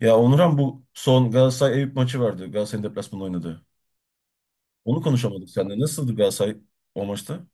Ya Onuran, bu son Galatasaray-Eyüp maçı vardı. Galatasaray'ın deplasmanda oynadı. Onu konuşamadık seninle. Nasıldı Galatasaray o maçta?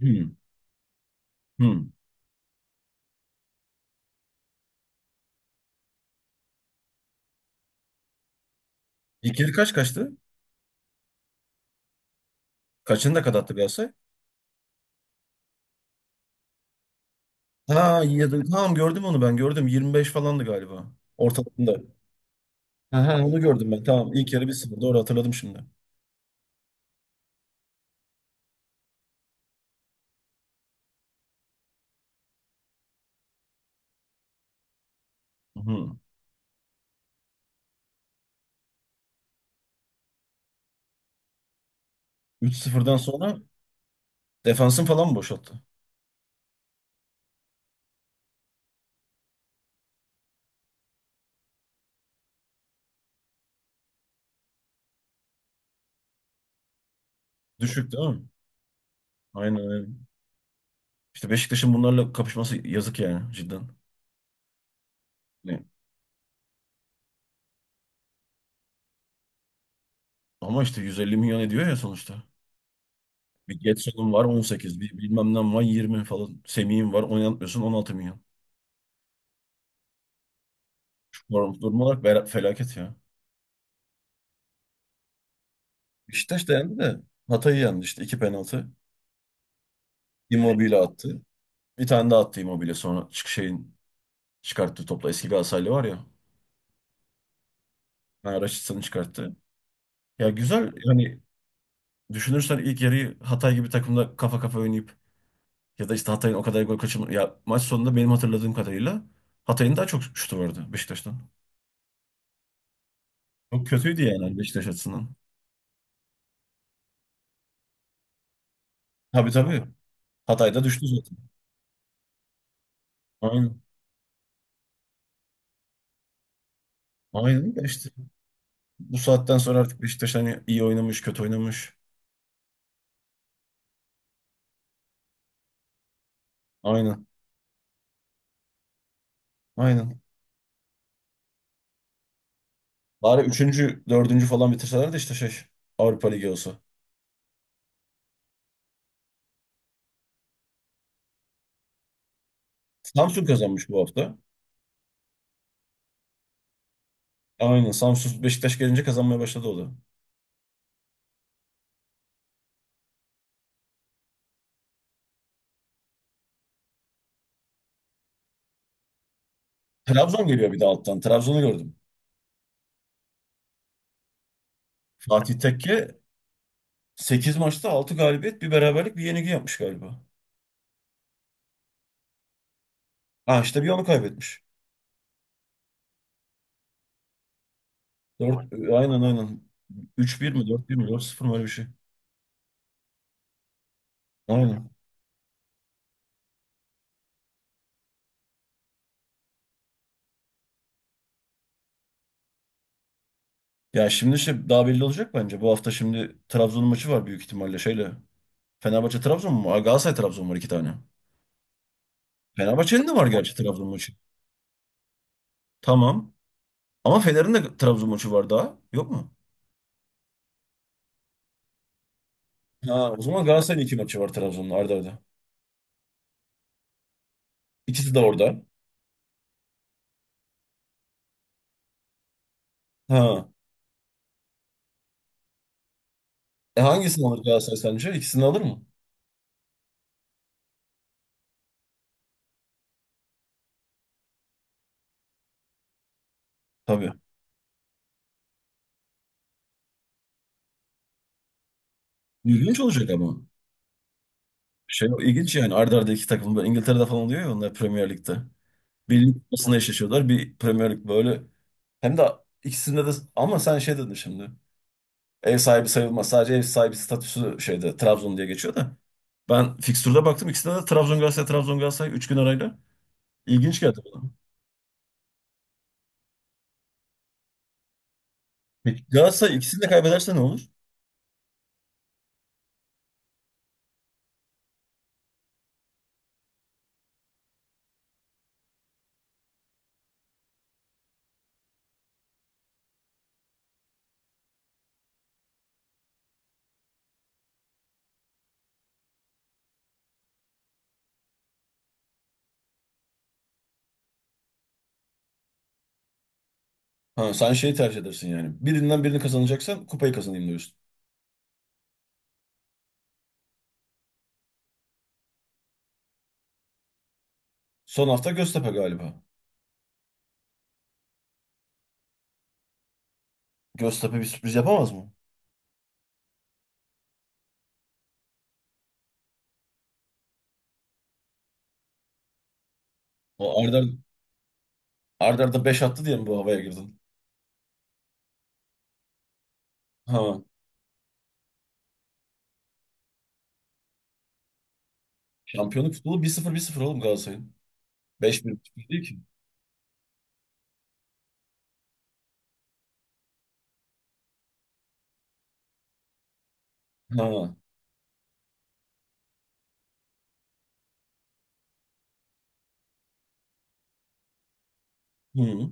Hmm. Hmm. İkili kaç kaçtı? Kaçını da kadattı Galatasaray? Ha, yedi. Tamam, gördüm onu, ben gördüm. 25 falandı galiba. Ortalarında. Aha, onu gördüm ben. Tamam. ilk yarı bir 0. Doğru hatırladım şimdi. Hı. 3-0'dan sonra defansın falan mı boşalttı? Düşük değil mi? Aynen, aynen. İşte Beşiktaş'ın bunlarla kapışması yazık yani cidden. Ne? Ama işte 150 milyon ediyor ya sonuçta. Bir Getson'un var 18, bir bilmem ne var 20 falan. Semih'in var, oynatmıyorsun, 16 milyon. Şu form, durum olarak felaket ya. Beşiktaş da yendi de Hatay'ı yendi işte 2 penaltı. Immobile attı. Bir tane daha attı Immobile, sonra şeyin çıkarttığı topla. Eski Galatasaraylı var ya. Yani Raşitsa'nı çıkarttı. Ya güzel yani, düşünürsen ilk yarıyı Hatay gibi takımda kafa kafa oynayıp ya da işte Hatay'ın o kadar gol kaçırma. Ya maç sonunda benim hatırladığım kadarıyla Hatay'ın daha çok şutu vardı Beşiktaş'tan. Çok kötüydü yani Beşiktaş açısından. Tabii, tabii. Hatay'da düştü zaten. Aynen. Aynen de işte. Bu saatten sonra artık Beşiktaş, hani iyi oynamış, kötü oynamış. Aynen. Aynen. Bari üçüncü, dördüncü falan bitirseler de işte şey Avrupa Ligi olsa. Samsun kazanmış bu hafta. Aynen. Samsun, Beşiktaş gelince kazanmaya başladı o da. Trabzon geliyor bir de alttan. Trabzon'u gördüm. Fatih Tekke 8 maçta 6 galibiyet, bir beraberlik, bir yenilgi yapmış galiba. Ha, işte bir onu kaybetmiş. 4. Aynen, aynen. 3-1 mi, 4-1 mi, 4-0 mı, öyle bir şey. Aynen. Ya şimdi şey daha belli olacak bence. Bu hafta şimdi Trabzon maçı var büyük ihtimalle şeyle. Fenerbahçe Trabzon mu, var? Galatasaray Trabzon var, iki tane. Fenerbahçe'nin de var gerçi Trabzon maçı. Tamam. Ama Fener'in de Trabzon maçı var daha. Yok mu? Ha, o zaman Galatasaray'ın iki maçı var Trabzon'la arda arda. İkisi de orada. Ha. E, hangisini alır Galatasaray sence? İkisini alır mı? Tabii. İlginç olacak ama. Şey, ilginç yani arda arda iki takım. Böyle İngiltere'de falan oluyor ya, onlar Premier Lig'de, birlik lig kupasında eşleşiyorlar. Bir Premier Lig böyle. Hem de ikisinde de, ama sen şey dedin şimdi. Ev sahibi sayılmaz. Sadece ev sahibi statüsü şeyde Trabzon diye geçiyor da. Ben fikstürde baktım. İkisinde de Trabzon Galatasaray Trabzon Galatasaray 3 gün arayla. İlginç geldi bana. Peki Galatasaray ikisini de kaybederse ne olur? Ha, sen şeyi tercih edersin yani. Birinden birini kazanacaksan kupayı kazanayım diyorsun. Son hafta Göztepe galiba. Göztepe bir sürpriz yapamaz mı? O Arda 5 attı diye mi bu havaya girdin? Ha, şampiyonluk futbolu 1-0, 1-0 oğlum Galatasaray'ın. Beş bir buçuk değil ki. Ha. Hı.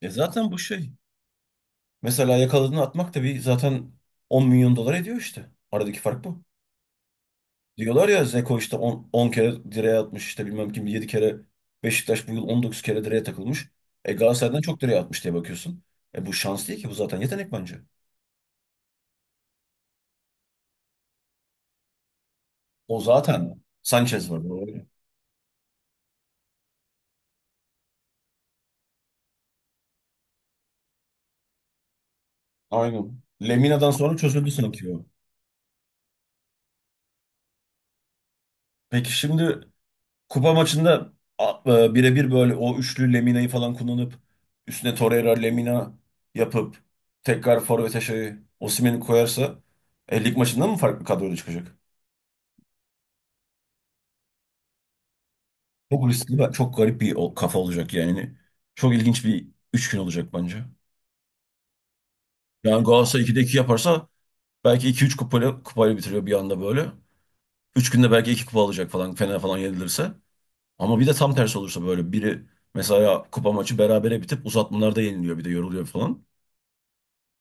E, zaten bu şey. Mesela yakaladığını atmak da bir zaten, 10 milyon dolar ediyor işte. Aradaki fark bu. Diyorlar ya, Zeko işte 10 10 kere direğe atmış, işte bilmem kim 7 kere, Beşiktaş bu yıl 19 kere direğe takılmış. E, Galatasaray'dan çok direğe atmış diye bakıyorsun. E, bu şans değil ki, bu zaten yetenek bence. O zaten Sanchez var. Doğru. Aynen. Lemina'dan sonra çözüldü sanki o. Peki şimdi kupa maçında birebir böyle o üçlü Lemina'yı falan kullanıp üstüne Torreira Lemina yapıp tekrar forvete şey Osimhen'i koyarsa lig maçında mı farklı kadroyla çıkacak? Çok riskli ve çok garip bir kafa olacak yani. Çok ilginç bir üç gün olacak bence. Yani Galatasaray 2'de 2 yaparsa belki 2 3 kupayla, kupayla bitiriyor bir anda böyle. Üç günde belki iki kupa alacak falan, Fener falan yenilirse. Ama bir de tam tersi olursa böyle biri mesela, kupa maçı berabere bitip uzatmalarda yeniliyor, bir de yoruluyor falan.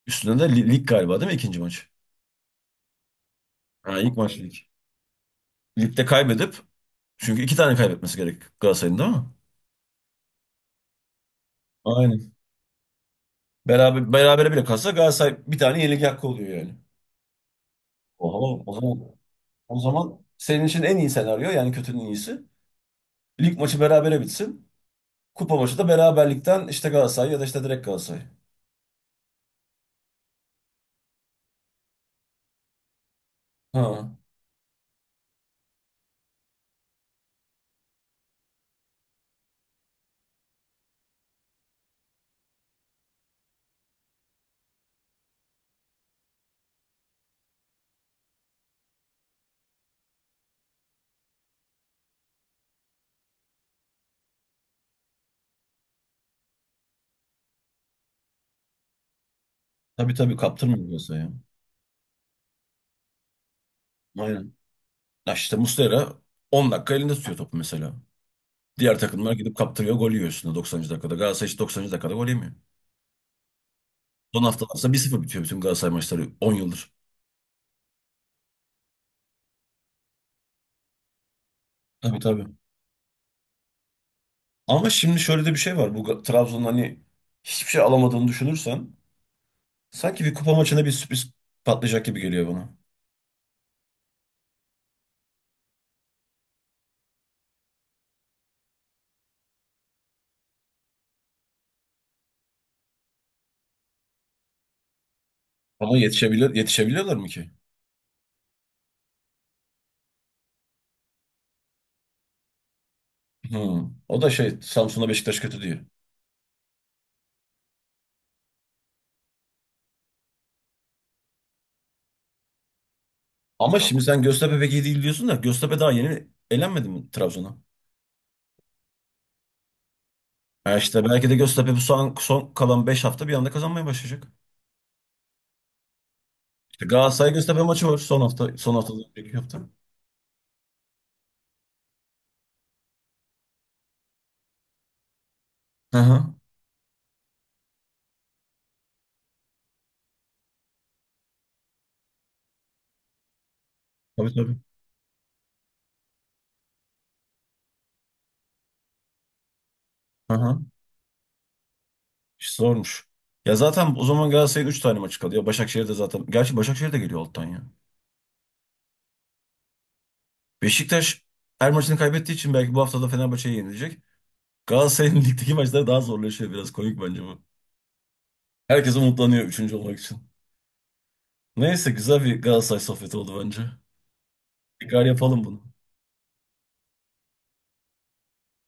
Üstüne de lig galiba, değil mi, ikinci maç? Ha, ilk maç lig. Ligde kaybedip, çünkü 2 tane kaybetmesi gerek Galatasaray'ın, değil mi? Aynen. Berabere bile kalsa Galatasaray bir tane yenilik hakkı oluyor yani. Oho, o zaman senin için en iyi senaryo yani, kötünün iyisi. Lig maçı berabere bitsin. Kupa maçı da beraberlikten işte Galatasaray ya da işte direkt Galatasaray. Ha. Tabii, tabii kaptırmıyor Galatasaray'a. Aynen. Ya işte Muslera 10 dakika elinde tutuyor topu mesela. Diğer takımlar gidip kaptırıyor, gol yiyor üstüne 90. dakikada. Galatasaray hiç 90. dakikada gol yemiyor. Son haftalar aslında 1-0 bitiyor bütün Galatasaray maçları, 10 yıldır. Tabii, tabii. Ama şimdi şöyle de bir şey var. Bu Trabzon'un hani hiçbir şey alamadığını düşünürsen sanki bir kupa maçına bir sürpriz patlayacak gibi geliyor bana. Ama yetişebiliyorlar mı ki? Hı. O da şey, Samsun'a Beşiktaş kötü diyor. Ama şimdi sen Göztepe pek iyi değil diyorsun da, Göztepe daha yeni elenmedi mi Trabzon'a? Ha işte, belki de Göztepe bu son kalan 5 hafta bir anda kazanmaya başlayacak. İşte Galatasaray Göztepe maçı var son hafta, son hafta, önceki hafta. Hı hı. Tabii, tabii. Hı hı. İşte zormuş. Ya zaten o zaman Galatasaray'ın 3 tane maçı kalıyor. Başakşehir de zaten. Gerçi Başakşehir de geliyor alttan ya. Beşiktaş her maçını kaybettiği için belki bu hafta da Fenerbahçe'ye yenilecek. Galatasaray'ın ligdeki maçları daha zorlaşıyor. Biraz komik bence bu. Herkes umutlanıyor üçüncü olmak için. Neyse, güzel bir Galatasaray sohbeti oldu bence. Tekrar yapalım bunu.